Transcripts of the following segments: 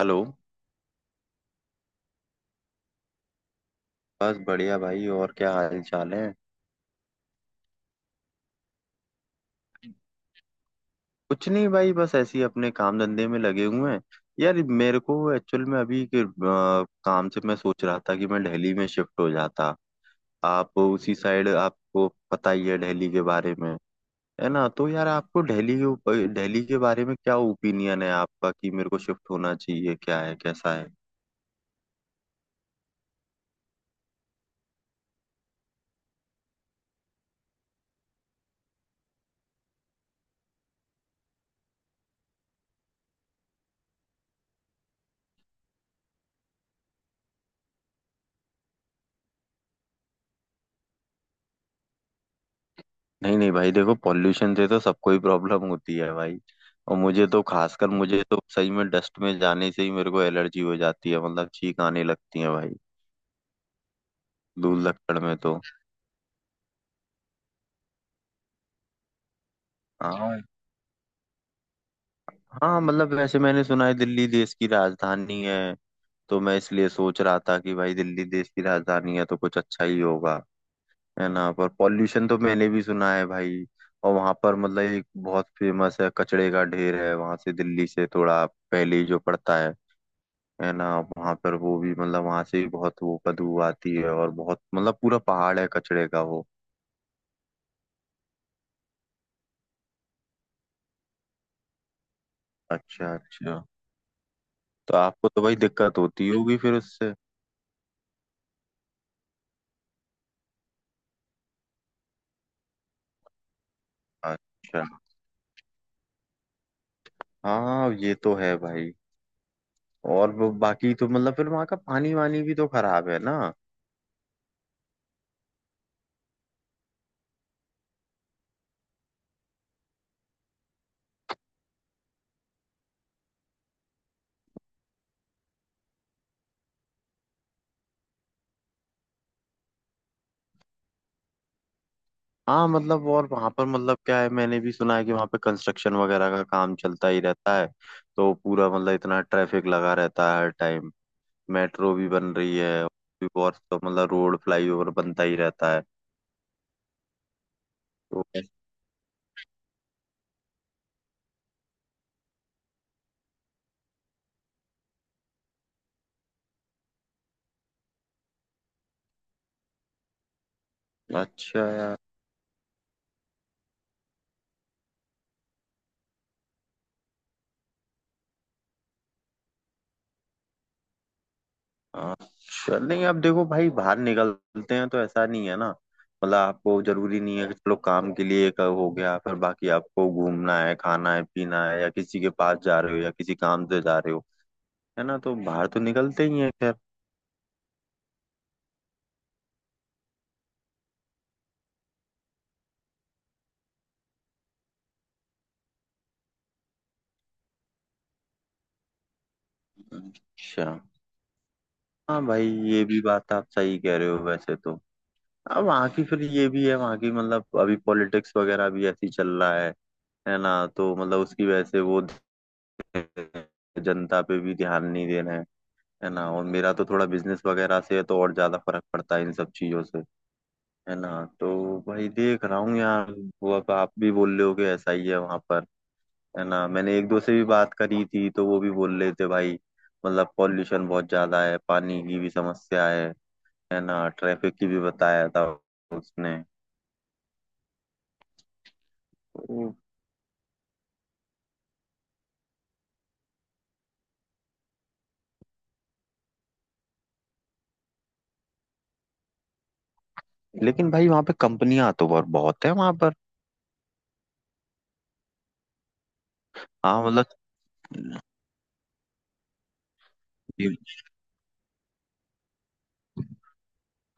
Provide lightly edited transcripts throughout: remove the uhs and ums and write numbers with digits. Hello. बस बढ़िया भाई, और क्या हाल चाल है? कुछ नहीं भाई, बस ऐसे ही अपने काम धंधे में लगे हुए हैं। यार मेरे को एक्चुअल में अभी के, काम से मैं सोच रहा था कि मैं दिल्ली में शिफ्ट हो जाता। आप उसी साइड, आपको पता ही है दिल्ली के बारे में, है ना? तो यार आपको दिल्ली के दिल्ली के बारे में क्या ओपिनियन है आपका, कि मेरे को शिफ्ट होना चाहिए, क्या है, कैसा है? नहीं नहीं भाई, देखो पॉल्यूशन से तो सबको ही प्रॉब्लम होती है भाई। और मुझे तो, खासकर मुझे तो सही में डस्ट में जाने से ही मेरे को एलर्जी हो जाती है, मतलब छींक आने लगती है भाई। धूल लकड़ में तो। हाँ। हाँ मतलब, वैसे मैंने सुना है दिल्ली देश की राजधानी है, तो मैं इसलिए सोच रहा था कि भाई दिल्ली देश की राजधानी है तो कुछ अच्छा ही होगा। है ना? पर पॉल्यूशन तो मैंने भी सुना है भाई। और वहां पर मतलब एक बहुत फेमस है, कचड़े का ढेर है वहां, से दिल्ली से थोड़ा पहले ही जो पड़ता है ना? वहां पर वो भी मतलब वहां से भी बहुत वो बदबू आती है, और बहुत मतलब पूरा पहाड़ है कचड़े का वो। अच्छा अच्छा। तो आपको तो भाई दिक्कत होती होगी फिर उससे। अच्छा। हाँ ये तो है भाई। और वो बाकी तो मतलब फिर वहाँ का पानी वानी भी तो खराब है ना। हाँ मतलब, और वहाँ पर मतलब क्या है, मैंने भी सुना है कि वहाँ पे कंस्ट्रक्शन वगैरह का काम चलता ही रहता है, तो पूरा मतलब इतना ट्रैफिक लगा रहता है हर टाइम। मेट्रो भी बन रही है, और भी बहुत, तो मतलब रोड फ्लाईओवर बनता ही रहता है तो। अच्छा यार। हाँ। चल नहीं, अब देखो भाई बाहर निकलते हैं तो ऐसा नहीं है ना, मतलब आपको जरूरी नहीं है कि चलो काम के लिए एक हो गया, फिर बाकी आपको घूमना है, खाना है, पीना है, या किसी के पास जा रहे हो, या किसी काम से जा रहे हो, है ना? तो बाहर तो निकलते ही है खैर। अच्छा। हाँ भाई ये भी बात आप सही कह रहे हो वैसे तो। अब वहाँ की फिर ये भी है, वहाँ की मतलब अभी पॉलिटिक्स वगैरह भी ऐसी चल रहा है ना? तो मतलब उसकी वजह से वो जनता पे भी ध्यान नहीं दे रहे हैं, है ना? और मेरा तो थोड़ा बिजनेस वगैरह से है तो और ज्यादा फर्क पड़ता है इन सब चीजों से, है ना? तो भाई देख रहा हूँ यार, वो अब आप भी बोल रहे हो कि ऐसा ही है वहां पर, है ना? मैंने एक दो से भी बात करी थी तो वो भी बोल रहे थे भाई, मतलब पॉल्यूशन बहुत ज्यादा है, पानी की भी समस्या है ना? ट्रैफिक की भी बताया था उसने। तो- लेकिन भाई वहां पे कंपनियां तो बहुत बहुत है वहां पर। हाँ मतलब,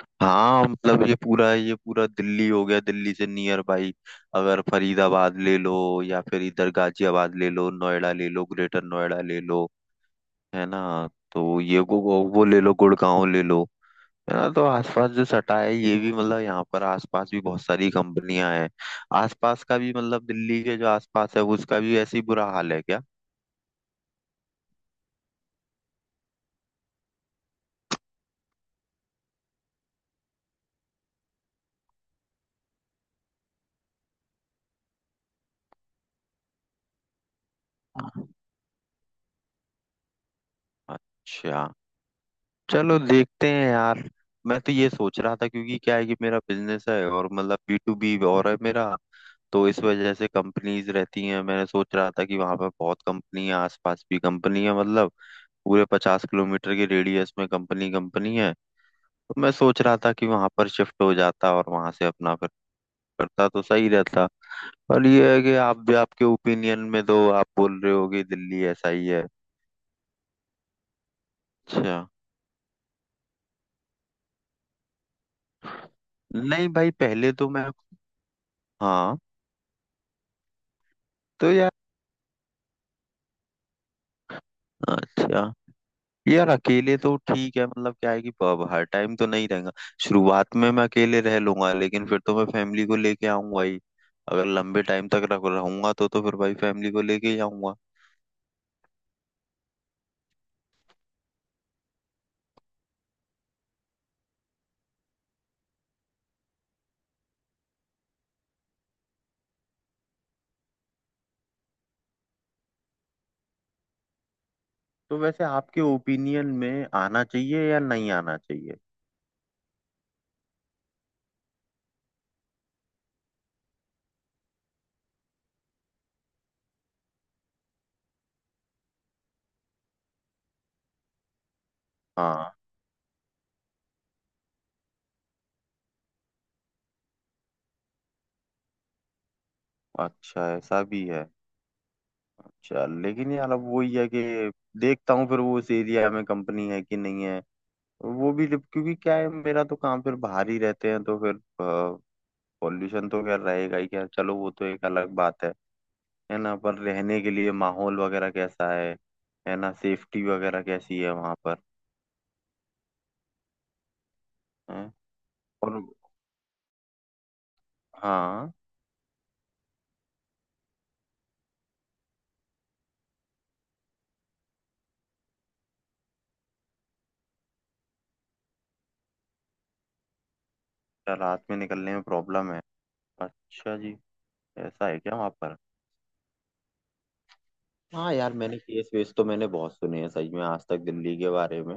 हाँ मतलब ये पूरा, ये पूरा दिल्ली हो गया, दिल्ली से नियर बाई। अगर फरीदाबाद ले लो, या फिर इधर गाजियाबाद ले लो, नोएडा ले लो, ग्रेटर नोएडा ले लो, है ना? तो ये गो वो ले लो, गुड़गांव ले लो, है ना? तो आसपास जो सटा है ये भी मतलब, यहाँ पर आसपास भी बहुत सारी कंपनियां हैं। आसपास का भी मतलब दिल्ली के जो आसपास है, उसका भी ऐसी बुरा हाल है क्या? अच्छा। चलो देखते हैं यार। मैं तो ये सोच रहा था क्योंकि क्या है कि मेरा बिजनेस है, और मतलब B2B और है मेरा, तो इस वजह से कंपनीज रहती हैं। मैंने सोच रहा था कि वहां पर बहुत कंपनी है, आसपास भी कंपनी है, मतलब पूरे 50 किलोमीटर के रेडियस में कंपनी कंपनी है। तो मैं सोच रहा था कि वहां पर शिफ्ट हो जाता और वहां से अपना फिर करता तो सही रहता। पर ये है कि आप भी, आपके ओपिनियन में दो, आप बोल रहे हो कि दिल्ली ऐसा ही है। अच्छा। नहीं भाई पहले तो मैं। हाँ तो यार। अच्छा यार, अकेले तो ठीक है, मतलब क्या है कि पब हर टाइम तो नहीं रहेगा। शुरुआत में मैं अकेले रह लूंगा, लेकिन फिर तो मैं फैमिली को लेके आऊंगा ही। अगर लंबे टाइम तक रह रहूंगा तो फिर भाई फैमिली को लेके ही आऊंगा। तो वैसे आपके ओपिनियन में आना चाहिए या नहीं आना चाहिए? हाँ। अच्छा, ऐसा भी है। अच्छा लेकिन यार अब वही है कि देखता हूँ फिर, वो उस एरिया में कंपनी है कि नहीं है। वो भी क्योंकि क्या है, मेरा तो काम फिर बाहर ही रहते हैं तो फिर पॉल्यूशन तो खैर रहेगा ही, खैर चलो वो तो एक अलग बात है। है ना? पर रहने के लिए माहौल वगैरह कैसा है? है ना? सेफ्टी वगैरह कैसी है वहाँ पर? है और। हाँ। क्या, रात में निकलने में प्रॉब्लम है? अच्छा जी। ऐसा है क्या वहाँ पर? हाँ यार, मैंने केस वेस तो मैंने बहुत सुने हैं सही में आज तक दिल्ली के बारे में,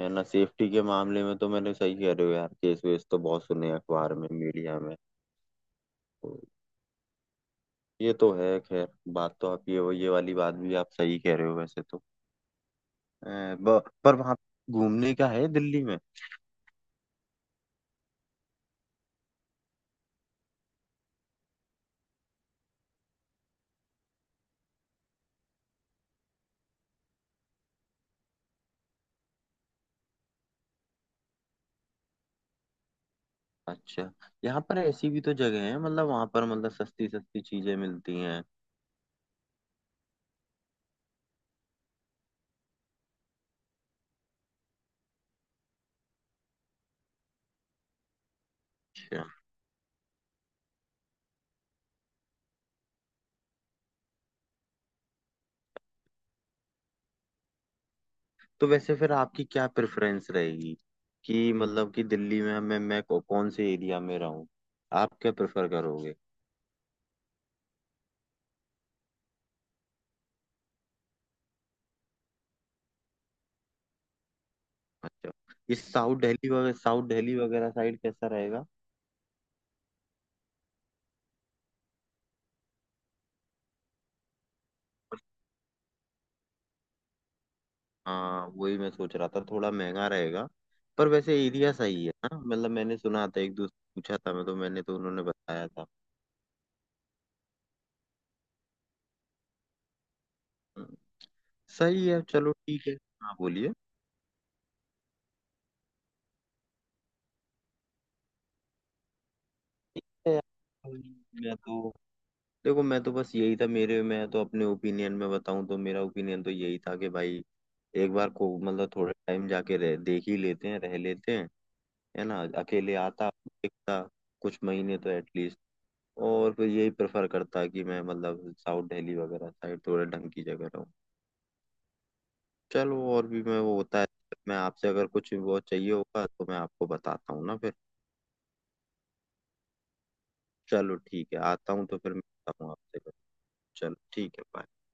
है ना? सेफ्टी के मामले में तो, मैंने सही कह रहे हो यार, केस वेस तो बहुत सुने हैं अखबार में, मीडिया में तो। ये तो है खैर, बात तो आप, ये वाली बात भी आप सही कह रहे हो वैसे तो। पर वहां घूमने का है दिल्ली में? अच्छा। यहाँ पर ऐसी भी तो जगह है मतलब, वहां पर मतलब सस्ती सस्ती चीजें मिलती हैं? अच्छा। तो वैसे फिर आपकी क्या प्रेफरेंस रहेगी, कि मतलब कि दिल्ली में मैं कौन से एरिया में रहूँ, आप क्या प्रेफर करोगे? अच्छा, इस साउथ दिल्ली वगैरह, साउथ दिल्ली वगैरह साइड कैसा रहेगा? हाँ वही मैं सोच रहा था, थोड़ा महंगा रहेगा। पर वैसे एरिया सही है ना, मतलब मैंने सुना था, एक दोस्त पूछा था मैं तो, मैंने तो उन्होंने बताया था। सही है, चलो ठीक है। हाँ बोलिए। मैं तो देखो, मैं तो बस यही था मेरे, मैं तो अपने ओपिनियन में बताऊं तो मेरा ओपिनियन तो यही था कि भाई एक बार को मतलब थोड़े टाइम जाके रह देख ही लेते हैं, रह लेते हैं, है ना, अकेले आता देखता, कुछ महीने तो एटलीस्ट। और फिर यही प्रेफर करता कि मैं मतलब साउथ दिल्ली वगैरह साइड थोड़ा ढंग की जगह रहूँ। चलो और भी मैं वो होता है, मैं आपसे अगर कुछ वो चाहिए होगा तो मैं आपको बताता हूँ ना फिर। चलो ठीक है, आता हूँ तो फिर मिलता हूँ आपसे। चलो ठीक है bye.